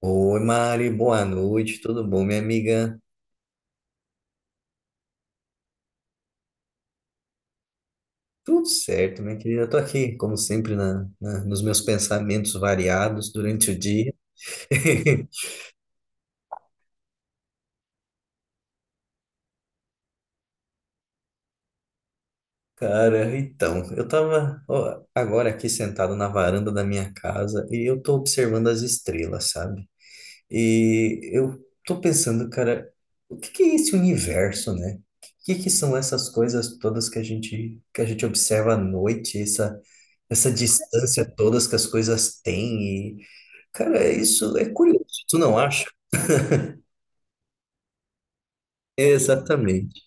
Oi, Mari, boa noite, tudo bom, minha amiga? Tudo certo, minha querida. Eu tô aqui, como sempre, nos meus pensamentos variados durante o dia. Cara, então, eu tava ó, agora aqui sentado na varanda da minha casa e eu tô observando as estrelas, sabe? E eu tô pensando, cara, o que que é esse universo, né? O que que são essas coisas todas que a gente observa à noite, essa distância todas que as coisas têm. Cara, isso é curioso, tu não acha? Exatamente.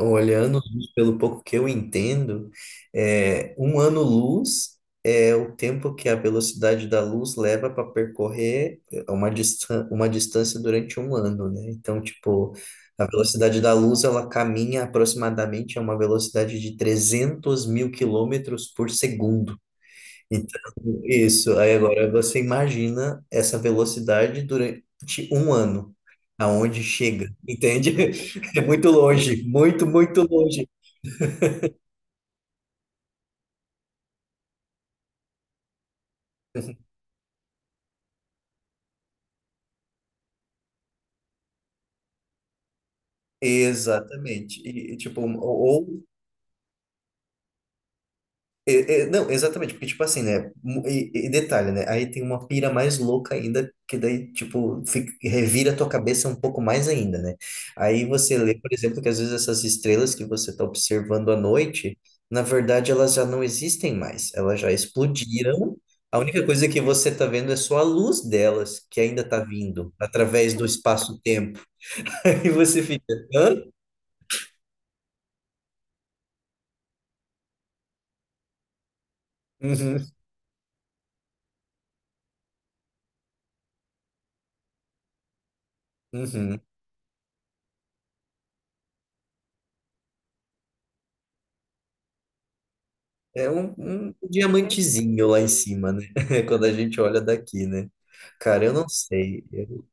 Olhando pelo pouco que eu entendo, um ano-luz é o tempo que a velocidade da luz leva para percorrer uma distância durante um ano, né? Então, tipo, a velocidade da luz, ela caminha aproximadamente a uma velocidade de 300.000 km por segundo. Então, isso. Aí agora você imagina essa velocidade durante um ano, aonde chega, entende? É muito longe, muito, muito longe. Exatamente. E, tipo, ou é, é, não, exatamente, porque, tipo assim, né? E detalhe, né? Aí tem uma pira mais louca ainda, que daí, tipo, revira a tua cabeça um pouco mais ainda, né? Aí você lê, por exemplo, que às vezes essas estrelas que você está observando à noite, na verdade, elas já não existem mais, elas já explodiram. A única coisa que você está vendo é só a luz delas, que ainda está vindo, através do espaço-tempo. Aí você fica, hã? Uhum, uhum. É um diamantezinho lá em cima, né? Quando a gente olha daqui, né? Cara, eu não sei.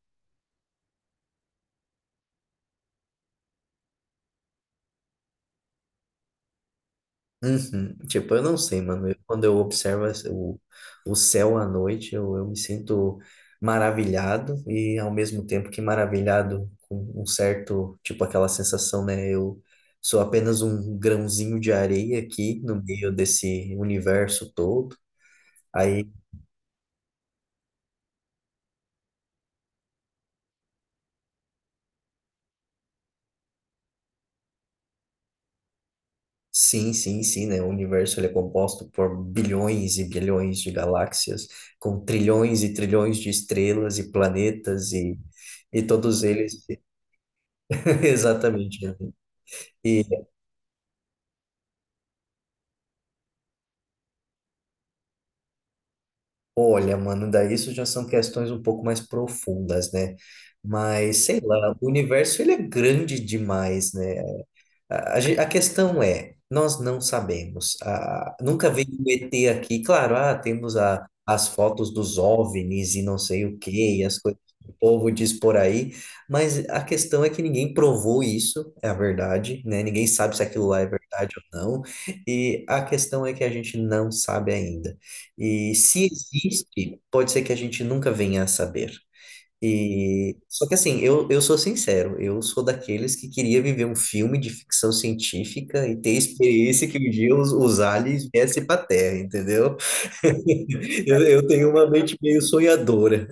Uhum. Tipo, eu não sei, mano. Quando eu observo o céu à noite, eu me sinto maravilhado e ao mesmo tempo que maravilhado com um certo, tipo, aquela sensação, né? Eu sou apenas um grãozinho de areia aqui no meio desse universo todo. Aí. Sim, sim, sim, né? O universo ele é composto por bilhões e bilhões de galáxias, com trilhões e trilhões de estrelas e planetas e todos eles. Exatamente, né? E olha, mano, daí isso já são questões um pouco mais profundas, né? Mas sei lá, o universo ele é grande demais, né? A questão é, nós não sabemos. Ah, nunca veio um ET aqui. Claro, ah, temos a, as fotos dos OVNIs e não sei o quê, e as coisas que o povo diz por aí, mas a questão é que ninguém provou isso, é a verdade, né? Ninguém sabe se aquilo lá é verdade ou não, e a questão é que a gente não sabe ainda. E se existe, pode ser que a gente nunca venha a saber. E, só que assim, eu sou sincero, eu sou daqueles que queria viver um filme de ficção científica e ter a experiência que um dia os aliens viessem para Terra, entendeu? Eu tenho uma mente meio sonhadora.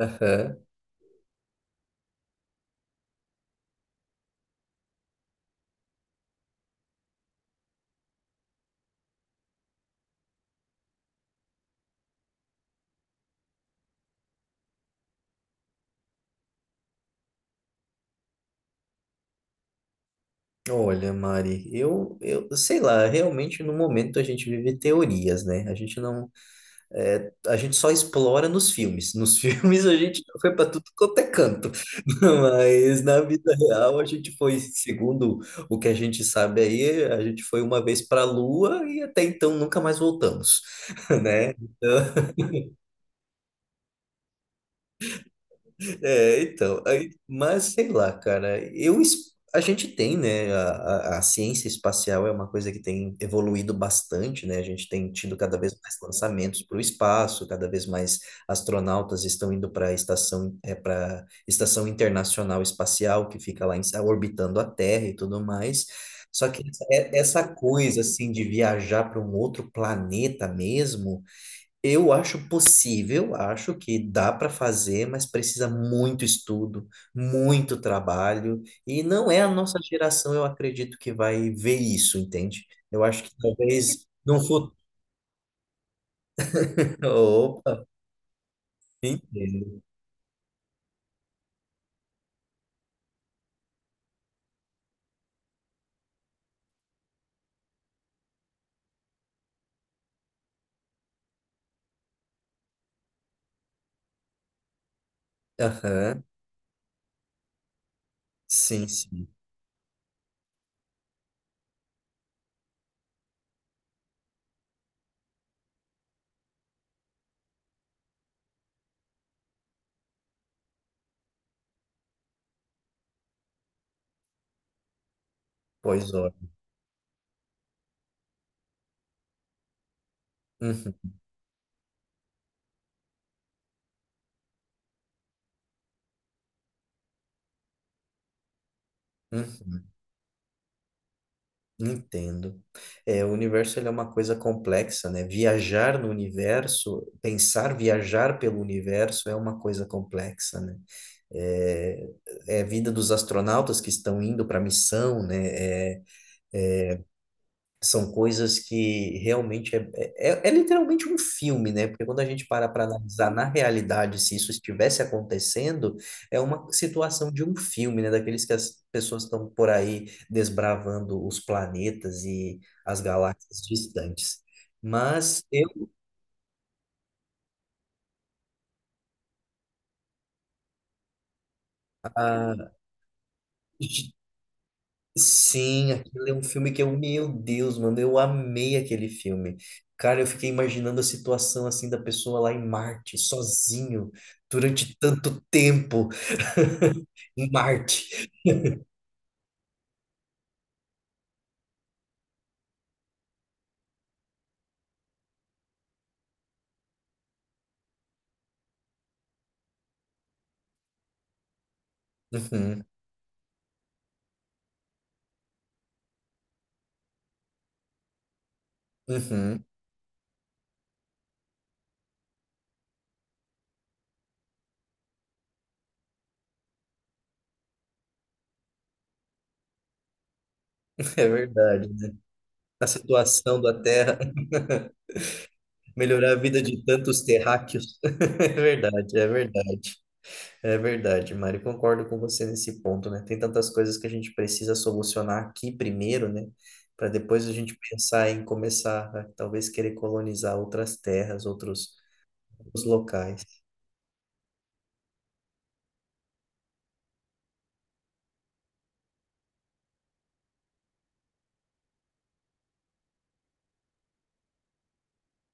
Aham. Olha, Mari, eu sei lá, realmente no momento a gente vive teorias, né? A gente não. É, a gente só explora nos filmes. Nos filmes a gente foi para tudo quanto é canto, mas na vida real a gente foi, segundo o que a gente sabe aí, a gente foi uma vez para a Lua e até então nunca mais voltamos, né? Então, é, então, aí, mas sei lá, cara, eu, a gente tem, né, a ciência espacial é uma coisa que tem evoluído bastante, né, a gente tem tido cada vez mais lançamentos para o espaço, cada vez mais astronautas estão indo para a estação, é, para Estação Internacional Espacial, que fica lá orbitando a Terra e tudo mais, só que essa coisa, assim, de viajar para um outro planeta mesmo, eu acho possível, acho que dá para fazer, mas precisa muito estudo, muito trabalho, e não é a nossa geração, eu acredito, que vai ver isso, entende? Eu acho que talvez num futuro. Opa, entendo. Aham, sim, sim. Pois olha. Uhum, uhum, entendo. É, o universo ele é uma coisa complexa, né? Viajar no universo, pensar viajar pelo universo é uma coisa complexa, né? É, é a vida dos astronautas que estão indo para a missão, né? É, é, são coisas que realmente é literalmente um filme, né? Porque quando a gente para analisar na realidade se isso estivesse acontecendo, é uma situação de um filme, né? Daqueles que as pessoas estão por aí desbravando os planetas e as galáxias distantes. Mas eu, ah, sim, aquele é um filme que eu, meu Deus, mano, eu amei aquele filme. Cara, eu fiquei imaginando a situação assim da pessoa lá em Marte, sozinho, durante tanto tempo em Marte. Uhum, uhum, é verdade, né? A situação da Terra, melhorar a vida de tantos terráqueos. É verdade, é verdade. É verdade, Mari, concordo com você nesse ponto, né? Tem tantas coisas que a gente precisa solucionar aqui primeiro, né? Para depois a gente pensar em começar a talvez querer colonizar outras terras, outros, outros locais.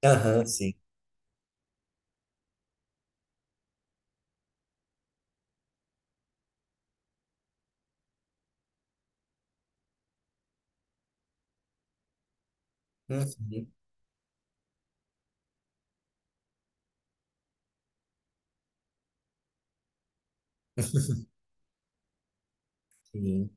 Aham, sim. Uhum, sim.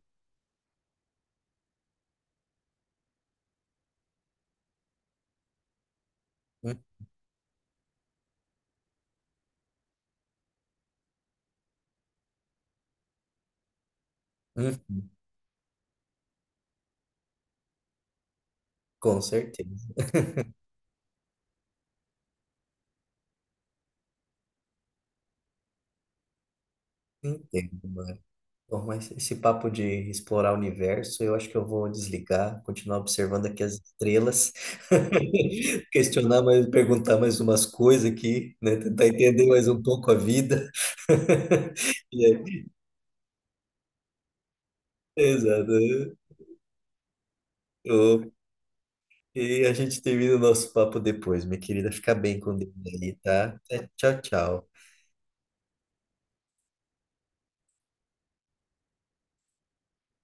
Uhum, com certeza. Entendo, Mari. Bom, mas esse papo de explorar o universo, eu acho que eu vou desligar, continuar observando aqui as estrelas, questionar mais, perguntar mais umas coisas aqui, né? Tentar entender mais um pouco a vida. E aí, exato. Ô, e a gente termina o nosso papo depois, minha querida. Fica bem com Deus aí, tá? Tchau, tchau.